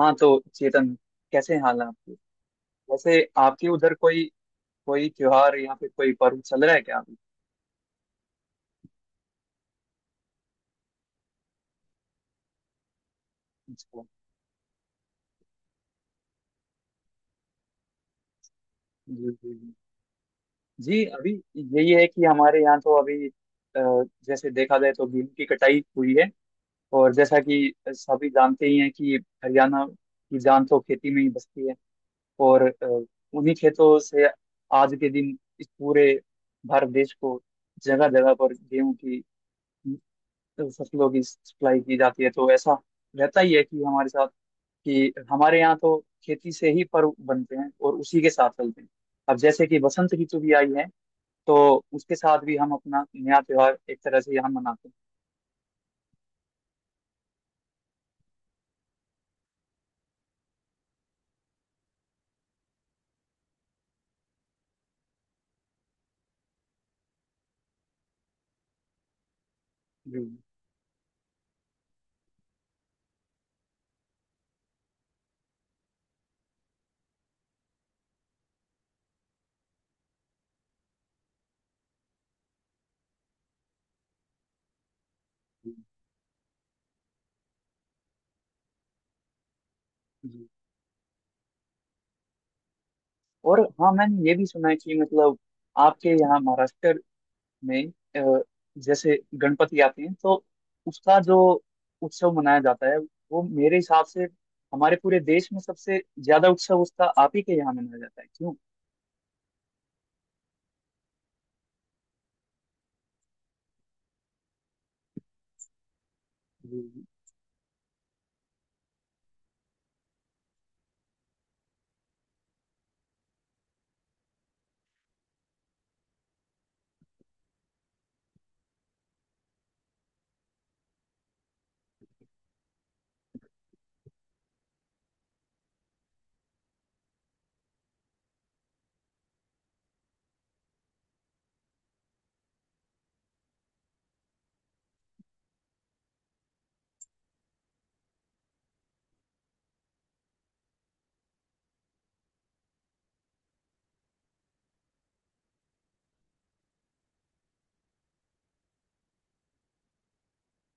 हाँ, तो चेतन, कैसे हाल है आपके? वैसे आपके उधर कोई कोई त्योहार या फिर कोई पर्व चल रहा है क्या अभी? अच्छा। जी जी जी। जी, अभी यही है कि हमारे यहाँ तो अभी जैसे देखा जाए तो गेहूं की कटाई हुई है। और जैसा कि सभी जानते ही हैं कि हरियाणा की जान तो खेती में ही बसती है। और उन्हीं खेतों से आज के दिन इस पूरे भारत देश को जगह जगह पर गेहूं की फसलों की सप्लाई की जाती है। तो ऐसा रहता ही है कि हमारे साथ, कि हमारे यहाँ तो खेती से ही पर्व बनते हैं और उसी के साथ चलते हैं। अब जैसे कि बसंत ऋतु भी आई है, तो उसके साथ भी हम अपना नया त्योहार एक तरह से यहाँ मनाते हैं। जी जी जी। और हाँ, मैंने ये भी सुना है कि मतलब आपके यहाँ महाराष्ट्र में अ, जैसे गणपति आते हैं, तो उसका जो उत्सव मनाया जाता है, वो मेरे हिसाब से हमारे पूरे देश में सबसे ज्यादा उत्सव उसका आप ही के यहाँ मनाया जाता है, क्यों? जी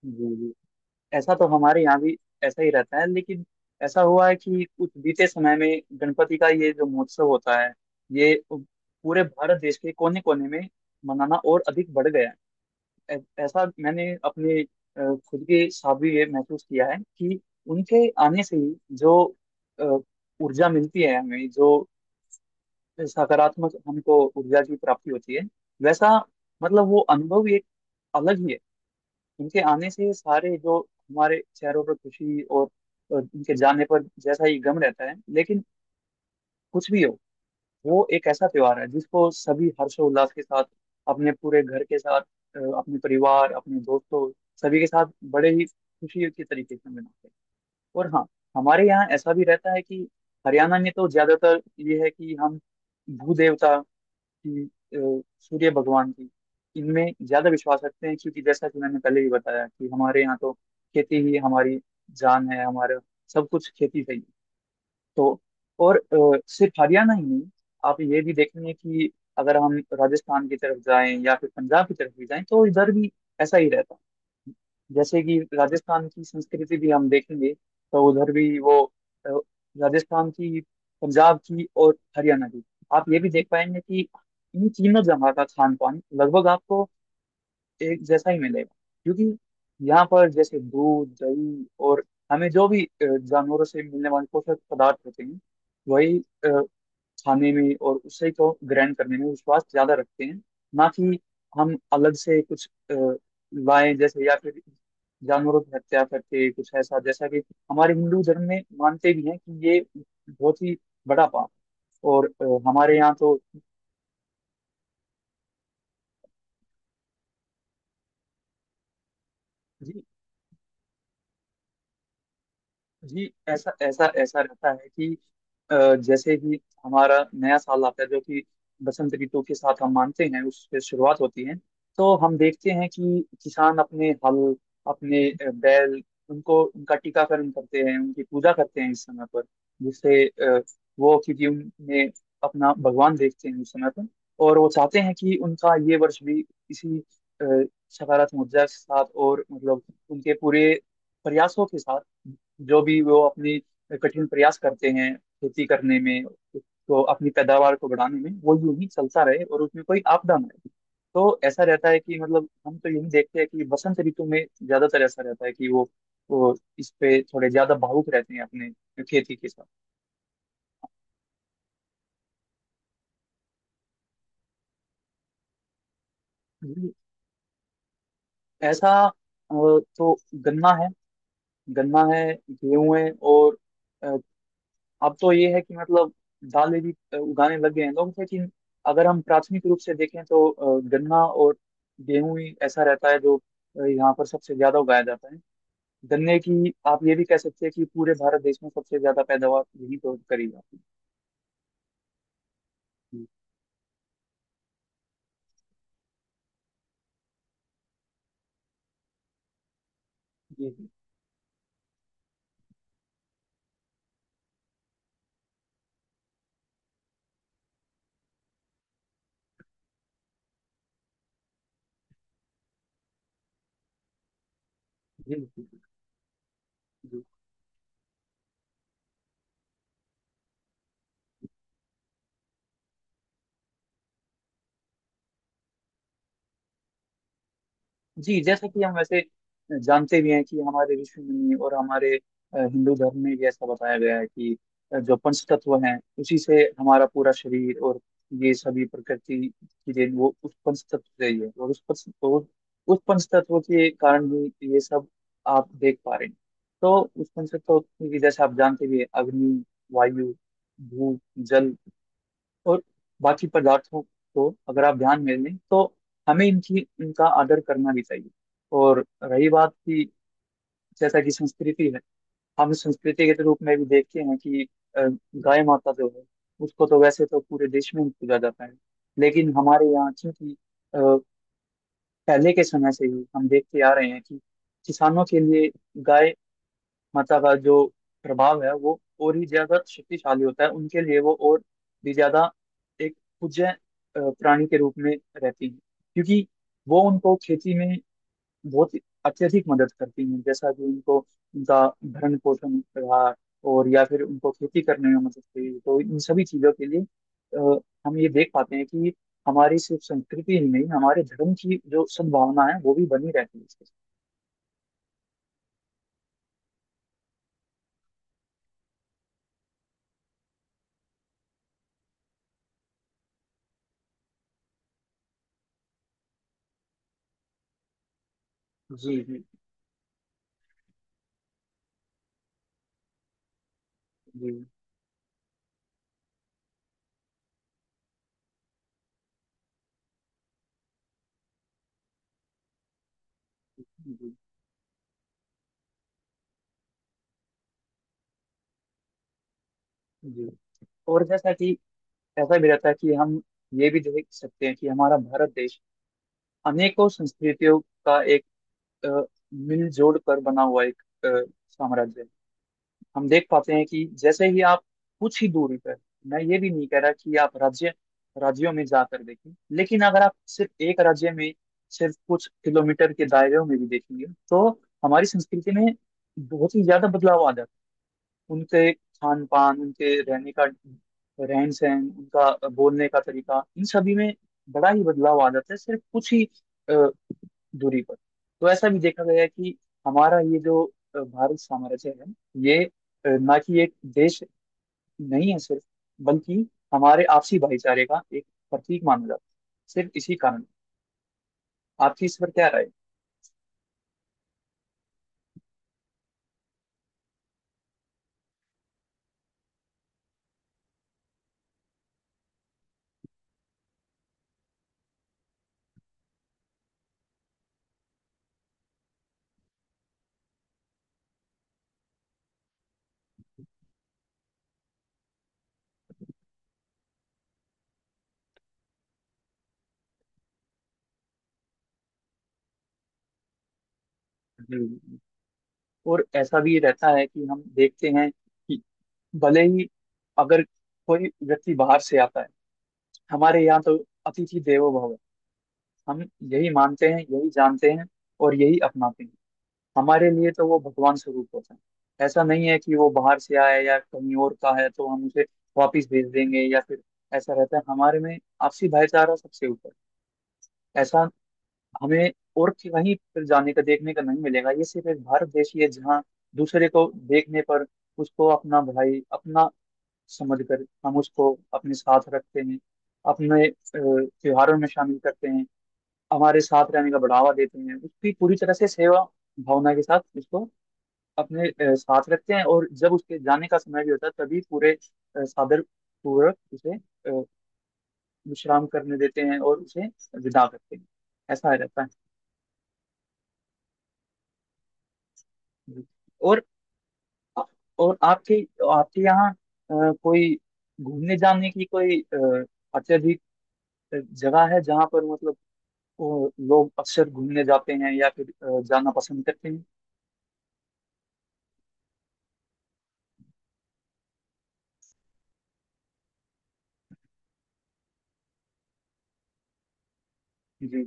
जी जी। ऐसा तो हमारे यहाँ भी ऐसा ही रहता है, लेकिन ऐसा हुआ है कि कुछ बीते समय में गणपति का ये जो महोत्सव होता है, ये पूरे भारत देश के कोने कोने में मनाना और अधिक बढ़ गया है। ऐसा मैंने अपने अ, खुद के साथ भी ये महसूस किया है कि उनके आने से ही जो अ, ऊर्जा मिलती है हमें, जो सकारात्मक हमको ऊर्जा की प्राप्ति होती है, वैसा मतलब वो अनुभव ही एक अलग ही है। उनके आने से सारे जो हमारे चेहरों पर खुशी और उनके जाने पर जैसा ही गम रहता है, लेकिन कुछ भी हो, वो एक ऐसा त्योहार है जिसको सभी हर्षोल्लास के साथ, अपने पूरे घर के साथ, अपने परिवार, अपने दोस्तों, सभी के साथ बड़े ही खुशी के तरीके से मनाते हैं। और हाँ, हमारे यहाँ ऐसा भी रहता है कि हरियाणा में तो ज्यादातर ये है कि हम भू देवता की, सूर्य भगवान की, इनमें ज्यादा विश्वास रखते हैं, क्योंकि जैसा कि मैंने पहले ही बताया कि हमारे यहाँ तो खेती ही हमारी जान है, हमारा सब कुछ खेती से ही है। तो और सिर्फ हरियाणा ही नहीं, आप ये भी देखेंगे कि अगर हम राजस्थान की तरफ जाएं या फिर पंजाब की तरफ भी जाएं, तो इधर भी ऐसा ही रहता है। जैसे कि राजस्थान की संस्कृति भी हम देखेंगे तो उधर भी अ, राजस्थान की, पंजाब की और हरियाणा की, आप ये भी देख पाएंगे कि इन तीनों जगह का खान पान लगभग आपको एक जैसा ही मिलेगा। क्योंकि यहाँ पर जैसे दूध दही और हमें जो भी जानवरों से मिलने वाले पोषक पदार्थ होते हैं, वही अ, खाने में और उसे को ग्रहण करने में विश्वास ज्यादा रखते हैं। ना कि हम अलग से कुछ लाएं, जैसे या फिर जानवरों की हत्या करके कुछ ऐसा, जैसा कि हमारे हिंदू धर्म में मानते भी हैं कि ये बहुत ही बड़ा पाप। और हमारे यहाँ तो जी ऐसा ऐसा ऐसा रहता है कि जैसे ही हमारा नया साल आता है, जो कि बसंत ऋतु के साथ हम मानते हैं, उससे शुरुआत होती है। तो हम देखते हैं कि किसान अपने हल, अपने बैल, उनको उनका टीकाकरण करते हैं, उनकी पूजा करते हैं इस समय पर, जिससे वो क्योंकि उनमें अपना भगवान देखते हैं उस समय पर। और वो चाहते हैं कि उनका ये वर्ष भी इसी सकारात्मक ऊर्जा के साथ और मतलब उनके पूरे प्रयासों के साथ, जो भी वो अपनी कठिन प्रयास करते हैं खेती करने में, तो अपनी पैदावार को बढ़ाने में, वो यूं ही चलता रहे और उसमें कोई आपदा ना आए। तो ऐसा रहता है कि मतलब हम तो यही देखते हैं कि बसंत ऋतु में ज्यादातर ऐसा रहता है कि वो इस पे थोड़े ज्यादा भावुक रहते हैं अपने खेती के साथ। जी। ऐसा तो गन्ना है गन्ना है, गेहूं है और अब तो ये है कि मतलब दालें भी उगाने लग गए हैं लोग, लेकिन अगर हम प्राथमिक रूप से देखें तो गन्ना और गेहूं ही ऐसा रहता है जो यहाँ पर सबसे ज्यादा उगाया जाता है। गन्ने की आप ये भी कह सकते हैं कि पूरे भारत देश में सबसे ज्यादा पैदावार यही तो करी जाती है। जी जी जी जी जी जी। जी, जैसा कि हम वैसे जानते भी हैं कि हमारे ऋषि मुनि और हमारे हिंदू धर्म में भी ऐसा बताया गया है कि जो पंच तत्व हैं, उसी से हमारा पूरा शरीर और ये सभी प्रकृति की देन वो उस पंच तत्व से ही है। और उस पंच तत्व के कारण ही ये सब आप देख पा रहे हैं। तो उस पंच तत्व की, जैसे आप जानते भी हैं, अग्नि, वायु, भूप, जल और बाकी पदार्थों को अगर आप ध्यान में लें, तो हमें इनकी इनका आदर करना भी चाहिए। और रही बात की, जैसा कि संस्कृति है, हम संस्कृति के रूप में भी देखते हैं कि अ, गाय माता जो है, उसको तो वैसे तो पूरे देश में ही पूजा जाता है, लेकिन हमारे यहाँ चूंकि अ, पहले के समय से ही हम देखते आ रहे हैं कि किसानों के लिए गाय माता का जो प्रभाव है वो और ही ज्यादा शक्तिशाली होता है उनके लिए, वो और भी ज्यादा एक पूज्य प्राणी के रूप में रहती है। क्योंकि वो उनको खेती में बहुत ही अत्यधिक मदद करती हैं, जैसा कि उनको उनका भरण पोषण रहा और या फिर उनको खेती करने में मदद करी, तो इन सभी चीजों के लिए अ, हम ये देख पाते हैं कि हमारी सिर्फ संस्कृति ही नहीं, हमारे धर्म की जो सद्भावना है वो भी बनी रहती है इसके साथ। जी जी जी जी जी। और जैसा कि ऐसा भी रहता है कि हम ये भी देख सकते हैं कि हमारा भारत देश अनेकों संस्कृतियों का एक अ, मिलजोल कर बना हुआ एक साम्राज्य है। हम देख पाते हैं कि जैसे ही आप कुछ ही दूरी पर, मैं ये भी नहीं कह रहा कि आप राज्यों में जाकर देखें, लेकिन अगर आप सिर्फ एक राज्य में सिर्फ कुछ किलोमीटर के दायरे में भी देखेंगे, तो हमारी संस्कृति में बहुत ही ज्यादा बदलाव आ जाता है। उनके खान पान, उनके रहने का, रहन सहन, उनका बोलने का तरीका, इन सभी में बड़ा ही बदलाव आ जाता है सिर्फ कुछ ही अ, दूरी पर। तो ऐसा भी देखा गया है कि हमारा ये जो भारत साम्राज्य है, ये ना कि एक देश नहीं है सिर्फ, बल्कि हमारे आपसी भाईचारे का एक प्रतीक माना जाता है, सिर्फ इसी कारण। आपकी इस पर क्या राय है? जी। और ऐसा भी रहता है कि हम देखते हैं कि भले ही, अगर कोई व्यक्ति बाहर से आता है, हमारे यहाँ तो अतिथि देवो भव है। हम यही मानते हैं, यही जानते हैं और यही अपनाते हैं। हमारे लिए तो वो भगवान स्वरूप होता है, ऐसा नहीं है कि वो बाहर से आया है या कहीं और का है तो हम उसे वापिस भेज देंगे या फिर। ऐसा रहता है हमारे में आपसी भाईचारा सबसे ऊपर, ऐसा हमें और कहीं पर जाने का देखने का नहीं मिलेगा। ये सिर्फ एक भारत देश ही है जहाँ दूसरे को देखने पर उसको अपना भाई अपना समझ कर हम उसको अपने साथ रखते हैं, अपने त्योहारों में शामिल करते हैं, हमारे साथ रहने का बढ़ावा देते हैं, उसकी पूरी तरह से सेवा भावना के साथ उसको अपने साथ रखते हैं, और जब उसके जाने का समय भी होता है तभी पूरे सादर पूर्वक उसे अ, विश्राम करने देते हैं और उसे विदा करते हैं। ऐसा रहता है। जी। और और आपके आपके यहाँ कोई घूमने जाने की कोई अत्यधिक जगह है जहाँ पर मतलब और लोग अक्सर घूमने जाते हैं या फिर जाना पसंद करते हैं? जी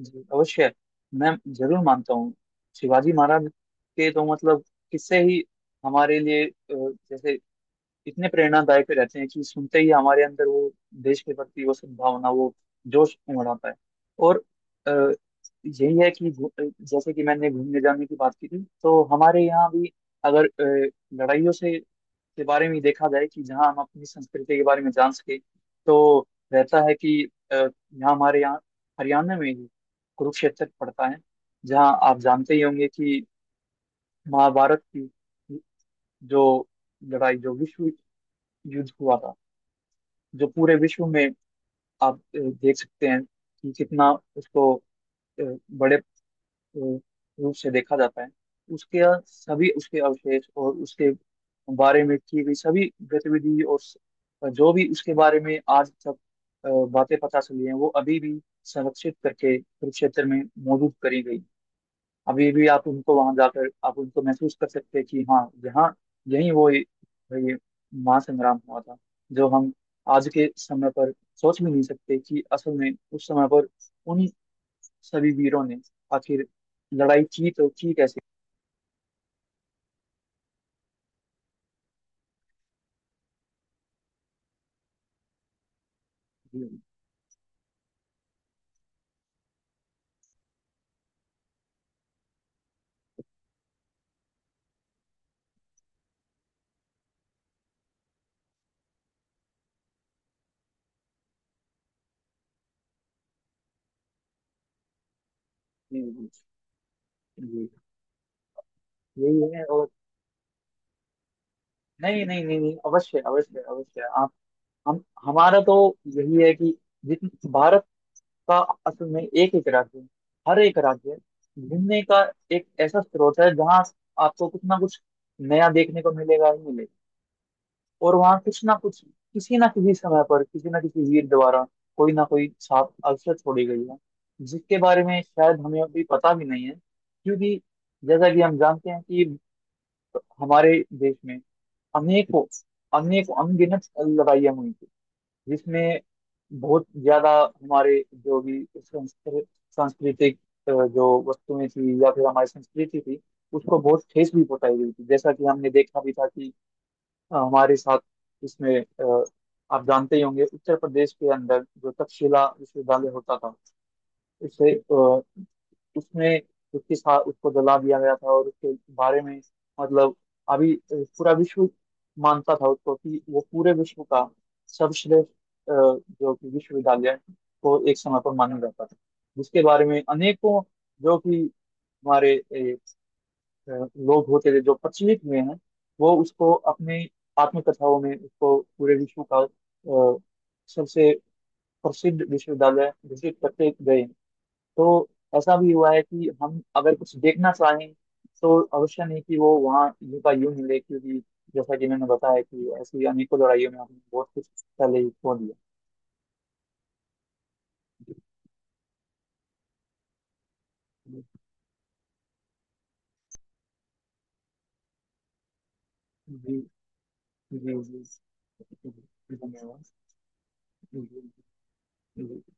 जी, अवश्य। मैं जरूर मानता हूँ। शिवाजी महाराज के तो मतलब किस्से ही हमारे लिए जैसे इतने प्रेरणादायक रहते हैं कि सुनते ही हमारे अंदर वो देश के प्रति वो सद्भावना, वो जोश उमड़ आता है। और अ, यही है कि जैसे कि मैंने घूमने जाने की बात की थी, तो हमारे यहाँ भी, अगर लड़ाइयों से के बारे में देखा जाए कि जहाँ हम अपनी संस्कृति के बारे में जान सके तो रहता है कि यहाँ हमारे यहाँ हरियाणा में ही कुरुक्षेत्र पड़ता है, जहाँ आप जानते ही होंगे कि महाभारत की जो लड़ाई, जो विश्व युद्ध हुआ था, जो पूरे विश्व में आप देख सकते हैं कि कितना उसको अ, बड़े रूप से देखा जाता है। उसके सभी, उसके अवशेष और उसके बारे में की गई सभी गतिविधि और जो भी उसके बारे में आज तक बातें पता चली हैं वो अभी भी संरक्षित करके कुरुक्षेत्र में मौजूद करी गई। अभी भी आप उनको वहां जाकर आप उनको महसूस कर सकते हैं कि हाँ, यहाँ यही वो ये महासंग्राम हुआ था, जो हम आज के समय पर सोच भी नहीं सकते कि असल में उस समय पर उन सभी वीरों ने आखिर लड़ाई की तो की कैसे। जी जी जी जी, यही है। और नहीं नहीं नहीं नहीं, अवश्य अवश्य अवश्य। आप हम हमारा तो यही है कि जित भारत का असल में एक एक राज्य है। हर एक राज्य घूमने का एक ऐसा स्रोत है जहाँ आपको कुछ ना कुछ नया देखने को मिलेगा ही मिलेगा। और वहां कुछ ना कुछ, किसी ना किसी समय पर, किसी ना किसी वीर द्वारा, कोई ना कोई छाप अवश्य छोड़ी गई है, जिसके बारे में शायद हमें अभी पता भी नहीं है। क्योंकि जैसा कि हम जानते हैं कि हमारे देश में अनेकों अनेकों अनगिनत लड़ाइयां हुई थी, जिसमें बहुत ज्यादा हमारे जो भी सांस्कृतिक जो वस्तुएं थी या फिर हमारी संस्कृति थी, उसको बहुत ठेस भी पहुंचाई गई थी। जैसा कि हमने देखा भी था कि हमारे साथ इसमें आप जानते ही होंगे, उत्तर प्रदेश के अंदर जो तक्षशिला विश्वविद्यालय होता था, उससे उसमें उसके साथ उसको जला दिया गया था। और उसके बारे में मतलब अभी पूरा विश्व मानता था उसको कि वो पूरे विश्व का सर्वश्रेष्ठ जो कि विश्वविद्यालय को एक समय पर माना जाता था, जिसके बारे में अनेकों, जो कि हमारे लोग होते थे जो प्रचलित हुए हैं, वो उसको अपने आत्मकथाओं में उसको पूरे विश्व का अ, सबसे प्रसिद्ध विश्वविद्यालय घोषित करते गए हैं। तो ऐसा भी हुआ है कि हम अगर कुछ देखना चाहें तो अवश्य नहीं कि वो वहाँ यूं का यूं मिले, क्योंकि जैसा कि मैंने बताया कि ऐसी अनेकों लड़ाइयों में हमने बहुत कुछ पहले ही खो दिया। जी जी जी जी जी, धन्यवाद। जी जी।